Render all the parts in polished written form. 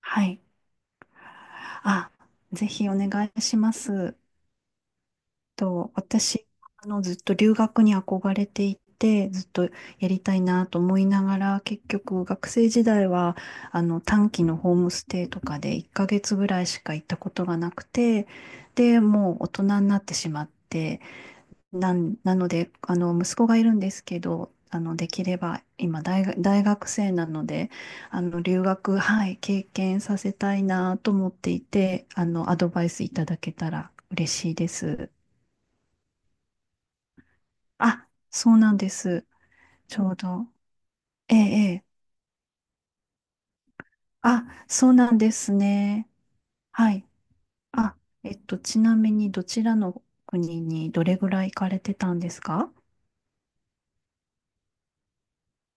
はい。あ、ぜひお願いします。私、ずっと留学に憧れていて、ずっとやりたいなと思いながら、結局学生時代は、短期のホームステイとかで1ヶ月ぐらいしか行ったことがなくて、で、もう大人になってしまって、なので、息子がいるんですけど、できれば、今大学生なので、留学、はい、経験させたいなと思っていて、アドバイスいただけたら嬉しいです。あ、そうなんです。ちょうど。ええ、ええ。あ、そうなんですね。はい。あ、ちなみに、どちらの国にどれぐらい行かれてたんですか？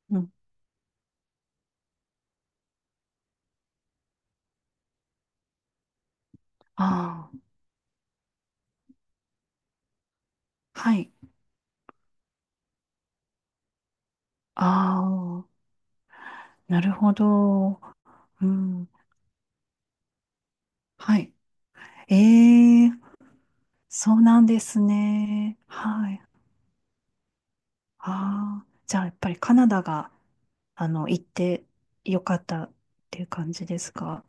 うん。ああ、はい。ああ。なるほど。うん。はい。ええ、そうなんですね。はい。ああ、じゃあやっぱりカナダが、行ってよかったっていう感じですか？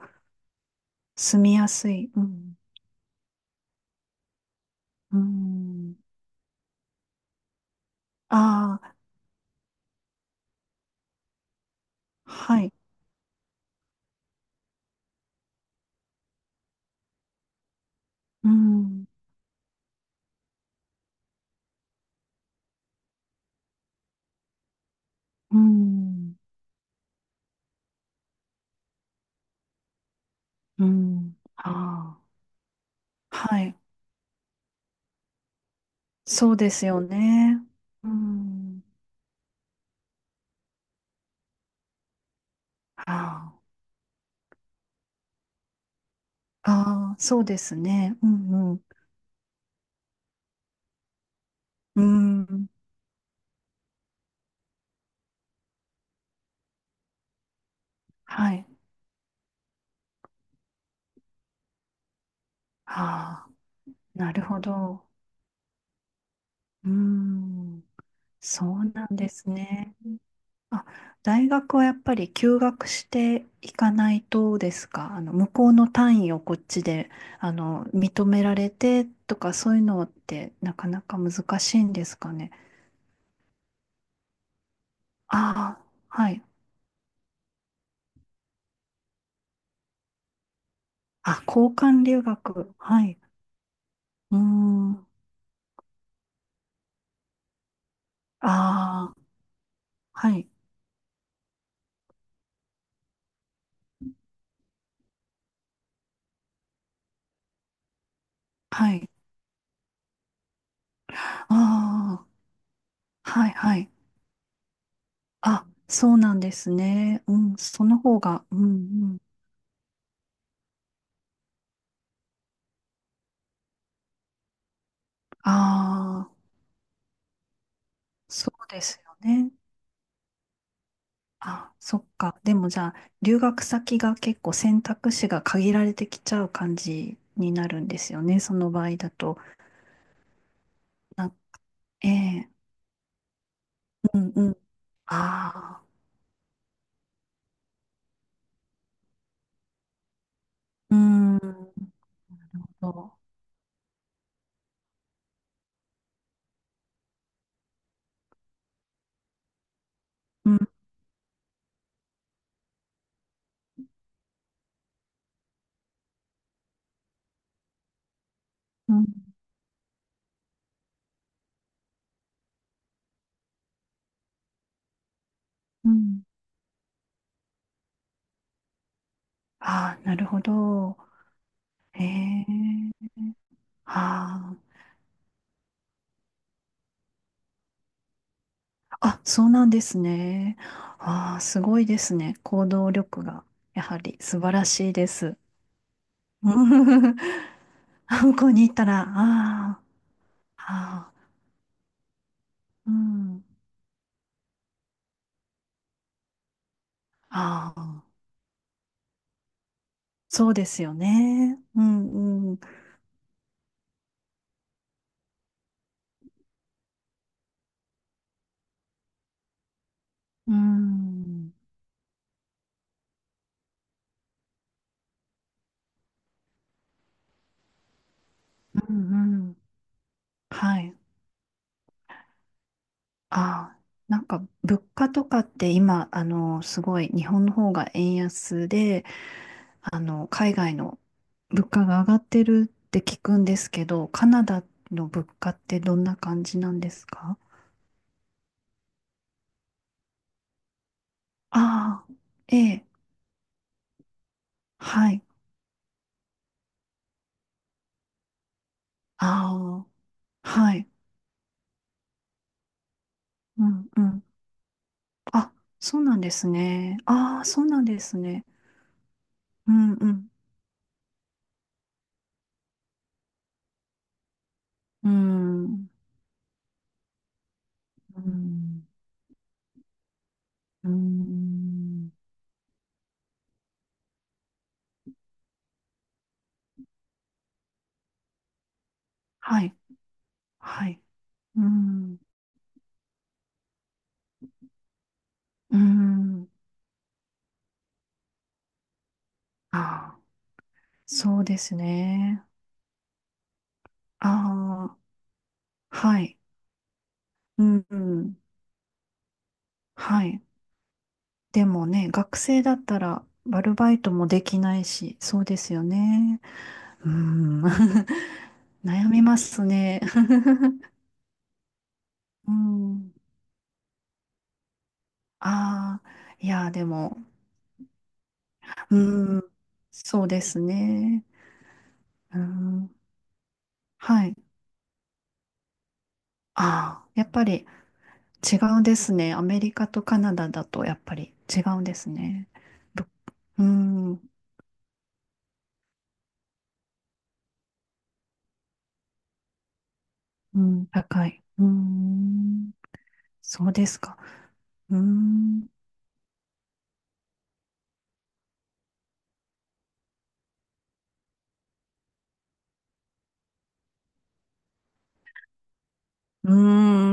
住みやすい。うん。うん。ああ、はい。うん。うん。うん。ああ、はい。そうですよね。うん。ああ、ああ、そうですね。うんうん。うん。はい。ああ、なるほど。うーん、そうなんですね。あ、大学はやっぱり休学していかないとですか？向こうの単位をこっちで、認められてとかそういうのってなかなか難しいんですかね。ああ、はい。あ、交換留学。はい。うーん。ああ、はい。はい。ああ、はい、はい。あ、そうなんですね。うん、その方が、うん、うん。ああ、そうですよね。あ、そっか。でもじゃあ、留学先が結構選択肢が限られてきちゃう感じになるんですよね。その場合だと。な、ええうんうん。ああ、うーん。そう。うん、うん、うん。ああ、なるほど。へえああ、あ、そうなんですね。ああ、すごいですね。行動力が、やはり素晴らしいです。うんあ向こうに行ったら、ああ、ああ、うん、ああ、そうですよね。うん、うん、うん、うん、うんはい。ああ、なんか物価とかって今、すごい日本の方が円安で、海外の物価が上がってるって聞くんですけど、カナダの物価ってどんな感じなんですか？ああ、ええ、はい。ああ、はい。うんうん。あ、そうなんですね。ああ、そうなんですね。うんうん。うん。うん。うん。はい。はい。うん。うん。ああ、そうですね。ああ、はい。うん。うんはい。でもね、学生だったら、アルバイトもできないし、そうですよね。うん。悩みますね。うん。ああ、いや、でも、うん、そうですね。うん、はい。ああ、やっぱり違うんですね。アメリカとカナダだとやっぱり違うんですね。ぶうん、うん、高い。うん、そうですか。うん、う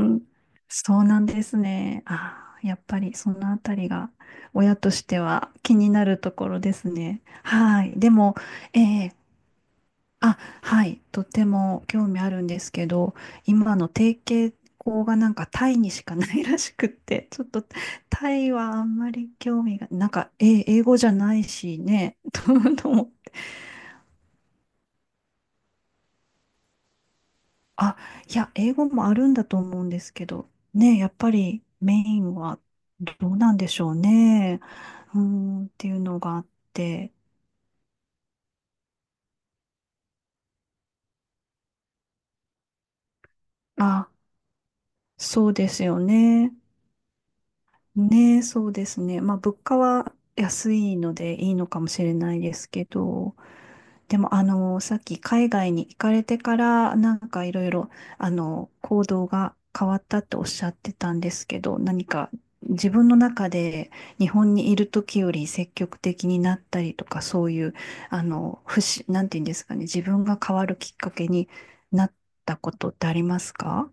ん、そうなんですね。ああ、やっぱりそのあたりが親としては気になるところですね。はい。でも、ええあ、はい、とても興味あるんですけど、今の提携校がなんかタイにしかないらしくって、ちょっとタイはあんまり興味が、なんか、英語じゃないしね、と思って。あ、いや、英語もあるんだと思うんですけど、ね、やっぱりメインはどうなんでしょうね、うーん、っていうのがあって、あ、そうですよね。ねえ、そうですね。まあ、物価は安いのでいいのかもしれないですけど、でも、さっき海外に行かれてから、なんかいろいろ、行動が変わったっておっしゃってたんですけど、何か自分の中で日本にいる時より積極的になったりとか、そういう、なんていうんですかね、自分が変わるきっかけになったことってありますか？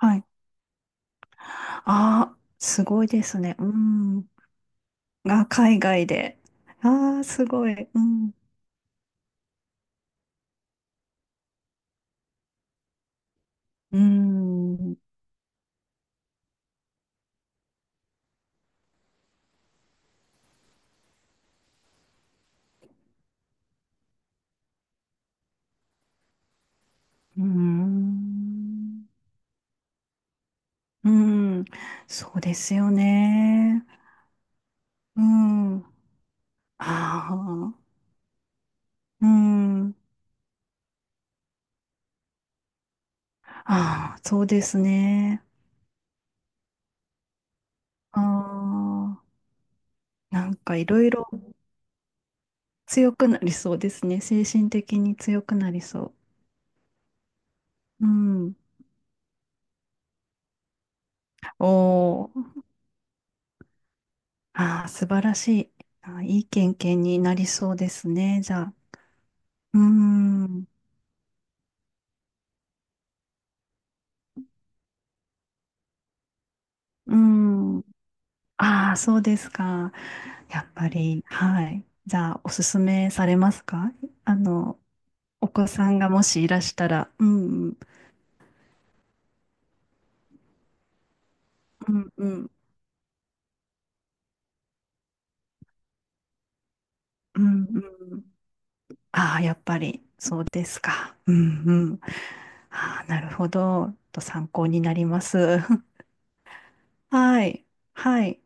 はい。ああ、すごいですね。うん。あ、海外で。ああ、すごい。うん。うん。うーん。うん。そうですよね。うん。ああ。うん。ああ、そうですね。ああ。なんかいろいろ強くなりそうですね。精神的に強くなりそう。うん。おお。ああ、素晴らしい。ああ、いい経験になりそうですね。じゃあ。うん。うん。ああ、そうですか。やっぱり、はい。じゃあ、おすすめされますか？あの、お子さんがもしいらしたら、うん、うん、うん、うん、うん。ああ、やっぱり、そうですか。うん、うん。ああ、なるほど。参考になります。はい、はい。